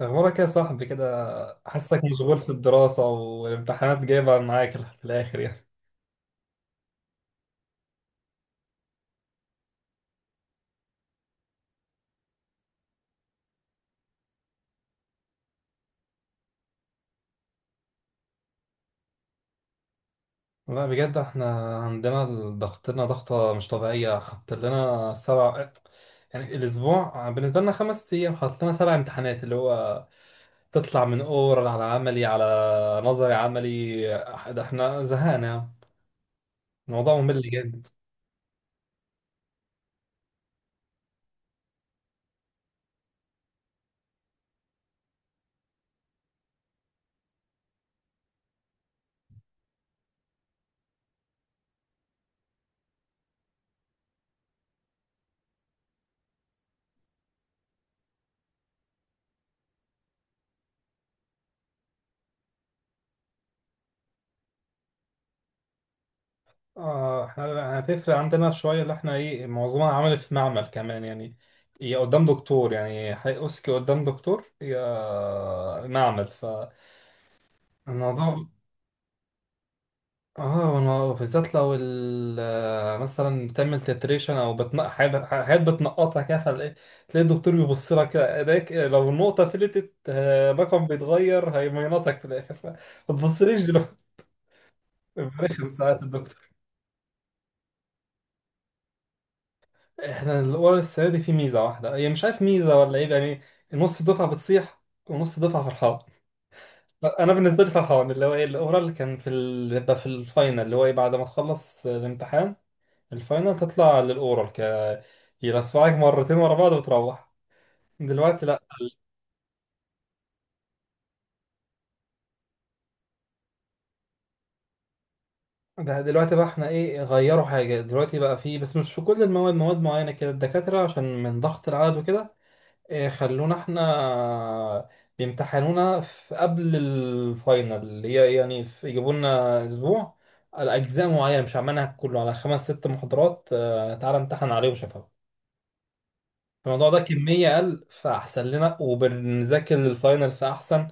أخبارك يا صاحبي كده؟ حاسك مشغول في الدراسة والامتحانات جايبة معاك في الآخر يعني. لا بجد احنا عندنا ضغطنا ضغطة مش طبيعية، حط لنا سبع، يعني الأسبوع بالنسبة لنا خمس أيام حط لنا سبع امتحانات، اللي هو تطلع من أورال على عملي على نظري عملي. ده احنا زهقنا يعني. الموضوع ممل جدا. اه احنا هتفرق عندنا شوية، اللي احنا ايه معظمها عمل في معمل كمان، يعني يا قدام دكتور يعني هيقصك قدام دكتور يا معمل. فالموضوع بالذات لو مثلا بتعمل تتريشن او بتنق حاجات، بتنقطها كده، تلاقي الدكتور بيبص لك كده ايديك إيه، لو النقطة فلتت آه، رقم بيتغير هيمينصك في الاخر، فما تبصليش دلوقتي. رخم ساعات الدكتور. احنا الورق السنة دي فيه ميزة واحدة، هي مش عارف ميزة ولا ايه يعني. نص الدفعة بتصيح ونص الدفعة فرحان. انا بالنسبة لي فرحان، اللي هو ايه الاورال اللي كان في ال... بيبقى في الفاينل، اللي هو ايه بعد ما تخلص الامتحان الفاينل تطلع للاورال، ك يلسعك مرتين ورا بعض وتروح. دلوقتي لا. ده دلوقتي بقى احنا ايه غيروا حاجة، دلوقتي بقى فيه، بس مش في كل المواد، مواد معينة كده الدكاترة عشان من ضغط العدد وكده إيه، خلونا احنا بيمتحنونا في قبل الفاينل، اللي هي يعني في يجيبوا لنا اسبوع على اجزاء معينه مش عملها كله، على خمس ست محاضرات آه، تعالى امتحن عليه وشفاء. الموضوع ده كميه قل فاحسن لنا، وبنذاكر للفاينل فاحسن.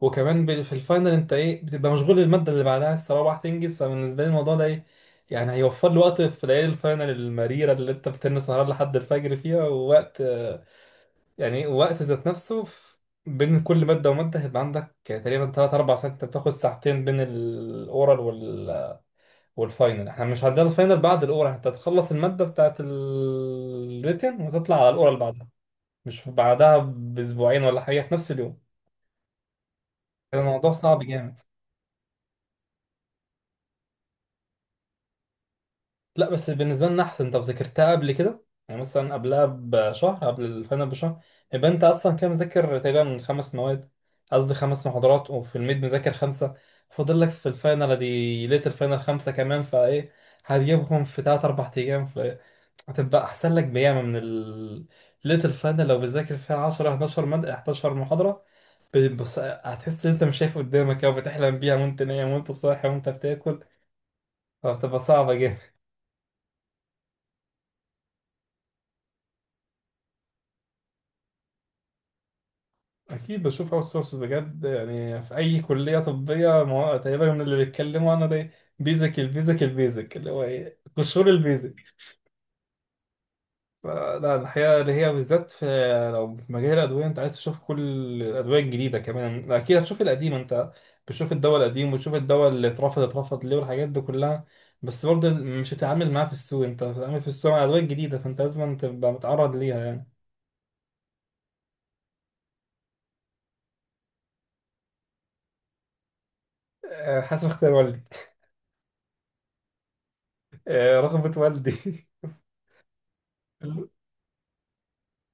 وكمان في الفاينل انت ايه بتبقى مشغول الماده اللي بعدها عايز تروح تنجز، فبالنسبه لي الموضوع ده ايه يعني هيوفر لي وقت في ليالي الفاينل المريره اللي انت بتنسى سهران لحد الفجر فيها ووقت، يعني وقت ذات نفسه بين كل مادة ومادة هيبقى عندك تقريبا تلات أربع ساعات، أنت بتاخد ساعتين بين الأورال وال... والفاينل. احنا مش هنعدي على الفاينل بعد الأورال، أنت هتخلص المادة بتاعت الريتن وتطلع على الأورال بعدها، مش بعدها بأسبوعين ولا حاجة، في نفس اليوم. الموضوع صعب جامد. لا بس بالنسبة لنا أحسن، أنت ذاكرتها قبل كده، يعني مثلا قبلها بشهر، قبل الفاينل بشهر يبقى أنت أصلا كده مذاكر تقريبا خمس مواد، قصدي خمس محاضرات، وفي الميد مذاكر خمسة، فاضل لك في الفاينل دي ليلة الفاينل خمسة كمان، فإيه هتجيبهم في تلات أربع أيام. فهتبقى أحسن لك بياما من ال... ليلة الفاينل لو بتذاكر فيها 10 11 مادة، 11 محاضرة، بص... هتحس إن أنت مش شايف قدامك أو بتحلم بيها وأنت نايم وأنت صاحي وأنت بتاكل، فبتبقى صعبة. اكيد بشوف اوت سورس بجد، يعني في اي كليه طبيه ما هو تقريبا من اللي بيتكلموا عنه ده بيزك، البيزك، اللي هو ايه قشور البيزك. لا الحقيقه اللي هي بالذات في، لو في مجال الادويه انت عايز تشوف كل الادويه الجديده، كمان اكيد هتشوف القديم، انت بتشوف الدواء القديم وتشوف الدواء اللي اترفض، ليه والحاجات دي كلها، بس برضه مش هتتعامل معاه في السوق، انت هتتعامل في السوق مع الادويه الجديده، فانت لازم تبقى متعرض ليها يعني. أه، حسب اختيار والدي. أه، رغبه والدي.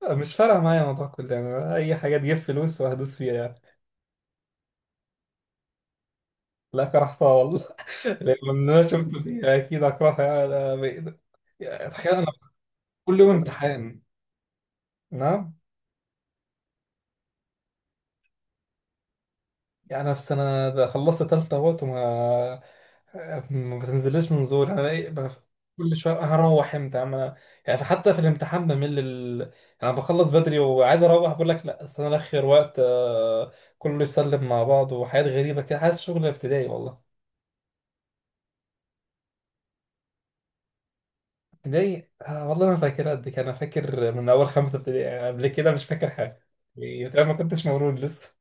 مش فارقة معايا موضوع كله، يعني أي حاجة تجيب فلوس وهدوس فيها يعني. لا كرهتها والله. لأن أنا شفت فيها أكيد أكرهها، يعني يعني تخيل أنا كل يوم امتحان. نعم. يعني أنا في سنة ده خلصت تالتة أهوت وما ما بتنزلش من زور، أنا إيه كل شوية هروح إمتى يا عم أنا، يعني حتى في الامتحان بمل ال... يعني أنا بخلص بدري وعايز أروح بقول لك لا استنى آخر وقت آه، كله يسلم مع بعض وحاجات غريبة كده، حاسس شغل ابتدائي والله. ابتدائي آه والله ما فاكر قد كده، انا فاكر من اول خمسه ابتدائي آه، قبل كده مش فاكر حاجه، يبقى ما كنتش مولود لسه.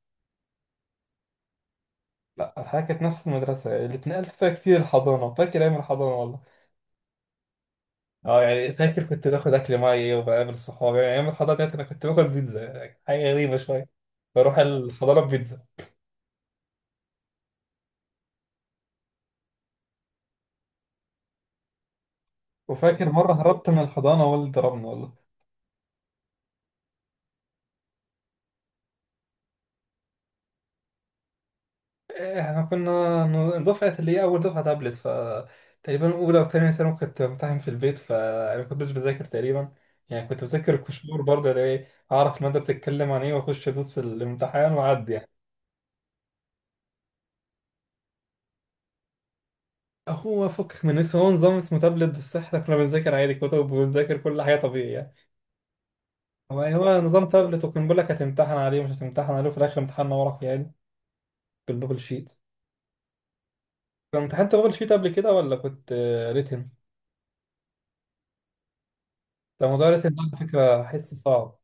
لا الحاجه كانت نفس المدرسه، اللي اتنقلت فيها كتير الحضانه، فاكر ايام الحضانه والله. اه يعني فاكر كنت باخد اكل معايا وبقابل صحابي، يعني ايام الحضانه ديت انا كنت باخد بيتزا حاجه غريبه شويه، بروح الحضانه ببيتزا. وفاكر مره هربت من الحضانه والدي ضربني والله. احنا كنا دفعة، اللي هي أول دفعة تابلت، ف تقريبا أولى وتانية ثانوي كنت بمتحن في البيت، فأنا ما كنتش بذاكر تقريبا، يعني كنت بذاكر كشور برضه، يعني إيه، أعرف المادة بتتكلم عن إيه وأخش أدوس في الامتحان وأعدي يعني. هو فك من اسمه، هو نظام اسمه تابلت بس إحنا كنا بنذاكر عادي كتب وبنذاكر كل حاجة طبيعي يعني. هو نظام تابلت وكان بيقول لك هتمتحن عليه مش هتمتحن عليه، في الآخر امتحان ورقي يعني، بالبابل شيت. كنت امتحنت بابل شيت قبل كده ولا كنت آه، ريتن؟ ده موضوع ريتن ده على فكرة حس صعب.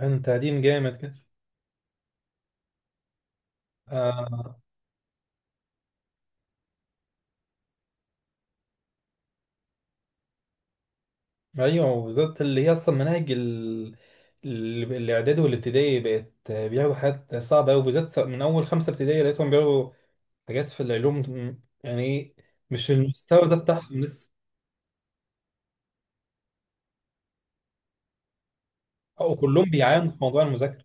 انت قديم جامد كده. آه. ايوه وبالذات اللي هي اصلا مناهج ال... الاعدادي والابتدائي بقت بياخدوا حاجات صعبه قوي، بالذات من اول خمسه ابتدائي لقيتهم بياخدوا حاجات في العلوم، يعني إيه، مش المستوى ده بتاعهم لسه. او كلهم بيعانوا في موضوع المذاكره.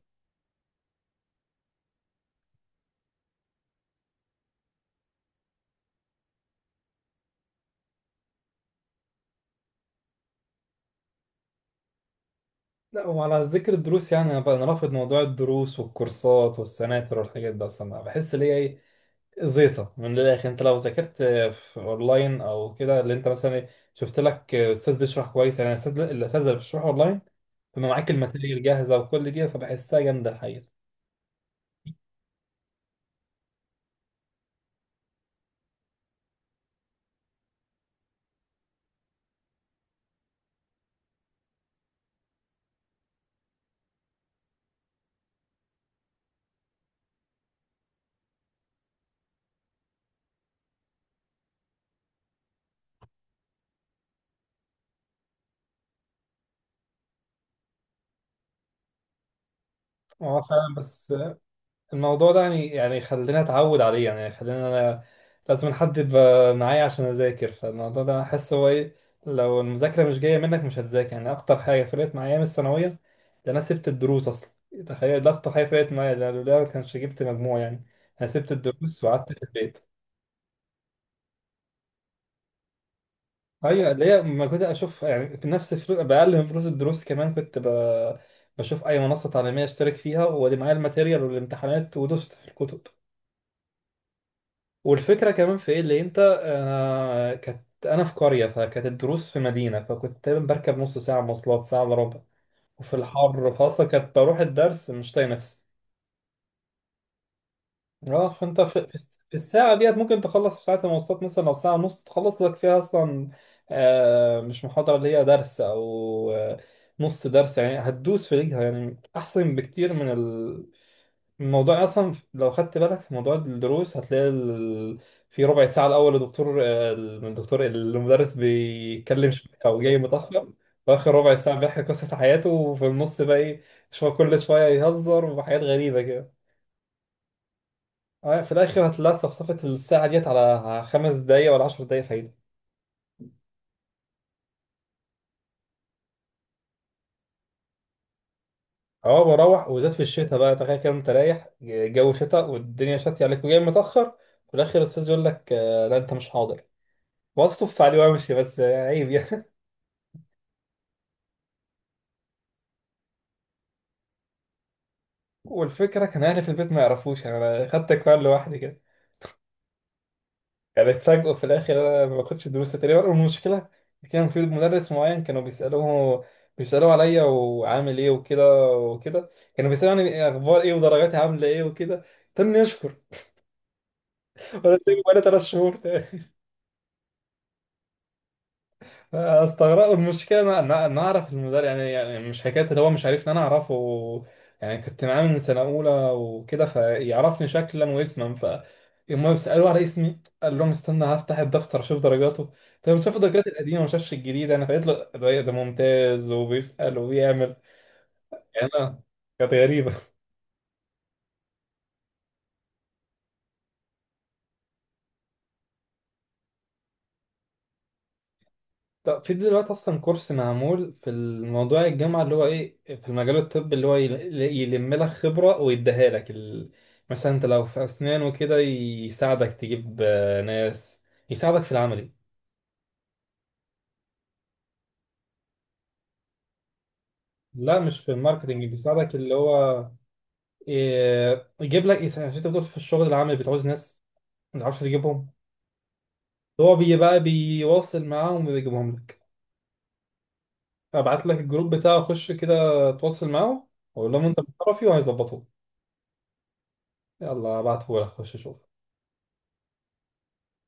لا وعلى ذكر الدروس، يعني أنا رافض موضوع الدروس والكورسات والسناتر والحاجات دي اصلا، بحس اللي هي ايه زيطه من الاخر. انت لو ذاكرت في اونلاين او كده، اللي انت مثلا إيه، شفت لك استاذ بيشرح كويس، يعني الاستاذ اللي بيشرح اونلاين بيبقى معاك الماتيريال جاهزه وكل دي، فبحسها جامده الحقيقه. اه فعلا، بس الموضوع ده يعني، خلينا اتعود عليه يعني، خلينا انا لازم حد يبقى معايا عشان اذاكر، فالموضوع ده احس هو ايه لو المذاكره مش جايه منك مش هتذاكر يعني. اكتر حاجه فرقت معايا من الثانويه ده انا سبت الدروس اصلا، تخيل ده اكتر حاجه فرقت معايا، لو ده لولا ما كانش جبت مجموع يعني. انا سبت الدروس وقعدت في البيت. ايوه اللي هي ما كنت اشوف يعني في نفس فلوس باقل من فلوس الدروس كمان، كنت ب... بشوف اي منصه تعليميه اشترك فيها وادي معايا الماتيريال والامتحانات ودوست في الكتب. والفكرة كمان في ايه اللي انت آه كانت انا في قرية فكانت الدروس في مدينة، فكنت تقريبا بركب نص ساعة مواصلات، ساعة الا ربع، وفي الحر فاصلا كانت بروح الدرس مش طايق نفسي. اه فانت في في الساعة ديت ممكن تخلص في ساعة المواصلات مثلا او ساعة ونص تخلص لك فيها اصلا آه مش محاضرة، اللي هي درس او آه نص درس، يعني هتدوس في رجلها، يعني احسن بكتير من ال... الموضوع اصلا لو خدت بالك في موضوع الدروس هتلاقي ال... في ربع ساعه الاول الدكتور آه، الدكتور المدرس بيتكلم شويه او جاي متاخر، واخر ربع ساعه بيحكي قصه حياته، وفي النص بقى ايه شويه كل شويه يهزر وحاجات غريبه كده، آه، في الاخر هتلاقي صفصفه الساعه ديت على خمس دقايق ولا عشر دقايق فايده. اه بروح، وزاد في الشتاء بقى، تخيل كده انت رايح جو شتاء والدنيا شتي عليك وجاي متاخر، في الاخر الاستاذ يقول لك آه، لا انت مش حاضر، واصطف عليه وامشي، بس آه، عيب يعني. والفكرة كان أهلي في البيت ما يعرفوش، يعني أنا خدت أكوان لوحدي كده، يعني اتفاجئوا في الآخر أنا ما باخدش دروس تقريبا. والمشكلة كان في مدرس معين كانوا بيسألوه، عليا وعامل إيه وكده وكده، كانوا بيسألوني أخبار إيه ودرجاتي عاملة إيه وكده، تاني يشكر. وأنا سايبه بقالي تلات شهور. استغرب المشكله، انا انا أنا اعرف المدرب يعني، يعني مش حكايه اللي هو مش عارف ان انا اعرفه، يعني كنت معاه من سنه اولى وكده فيعرفني شكلا واسما، ف يوم سالوه على اسمي قال لهم استنى هفتح الدفتر اشوف درجاته، طب شاف الدرجات القديمه ما شافش الجديده انا، فقلت له ده ممتاز وبيسال وبيعمل، يعني انا، كانت غريبه. طب في دلوقتي اصلا كورس معمول في الموضوع الجامعه، اللي هو ايه في المجال الطبي، اللي هو يلم لك خبره ويديها لك ال... مثلا انت لو في اسنان وكده يساعدك تجيب آه، ناس، يساعدك في العملي. لا مش في الماركتنج، بيساعدك اللي هو إيه، يجيب لك عشان انت بتقول في الشغل العملي بتعوز ناس ما تعرفش تجيبهم، هو بيبقى بيواصل معاهم وبيجيبهم لك. ابعت لك الجروب بتاعه، خش كده تواصل معاه، وقول لهم انت من طرفي وهيظبطوه. يلا ابعته لك، خش شوف.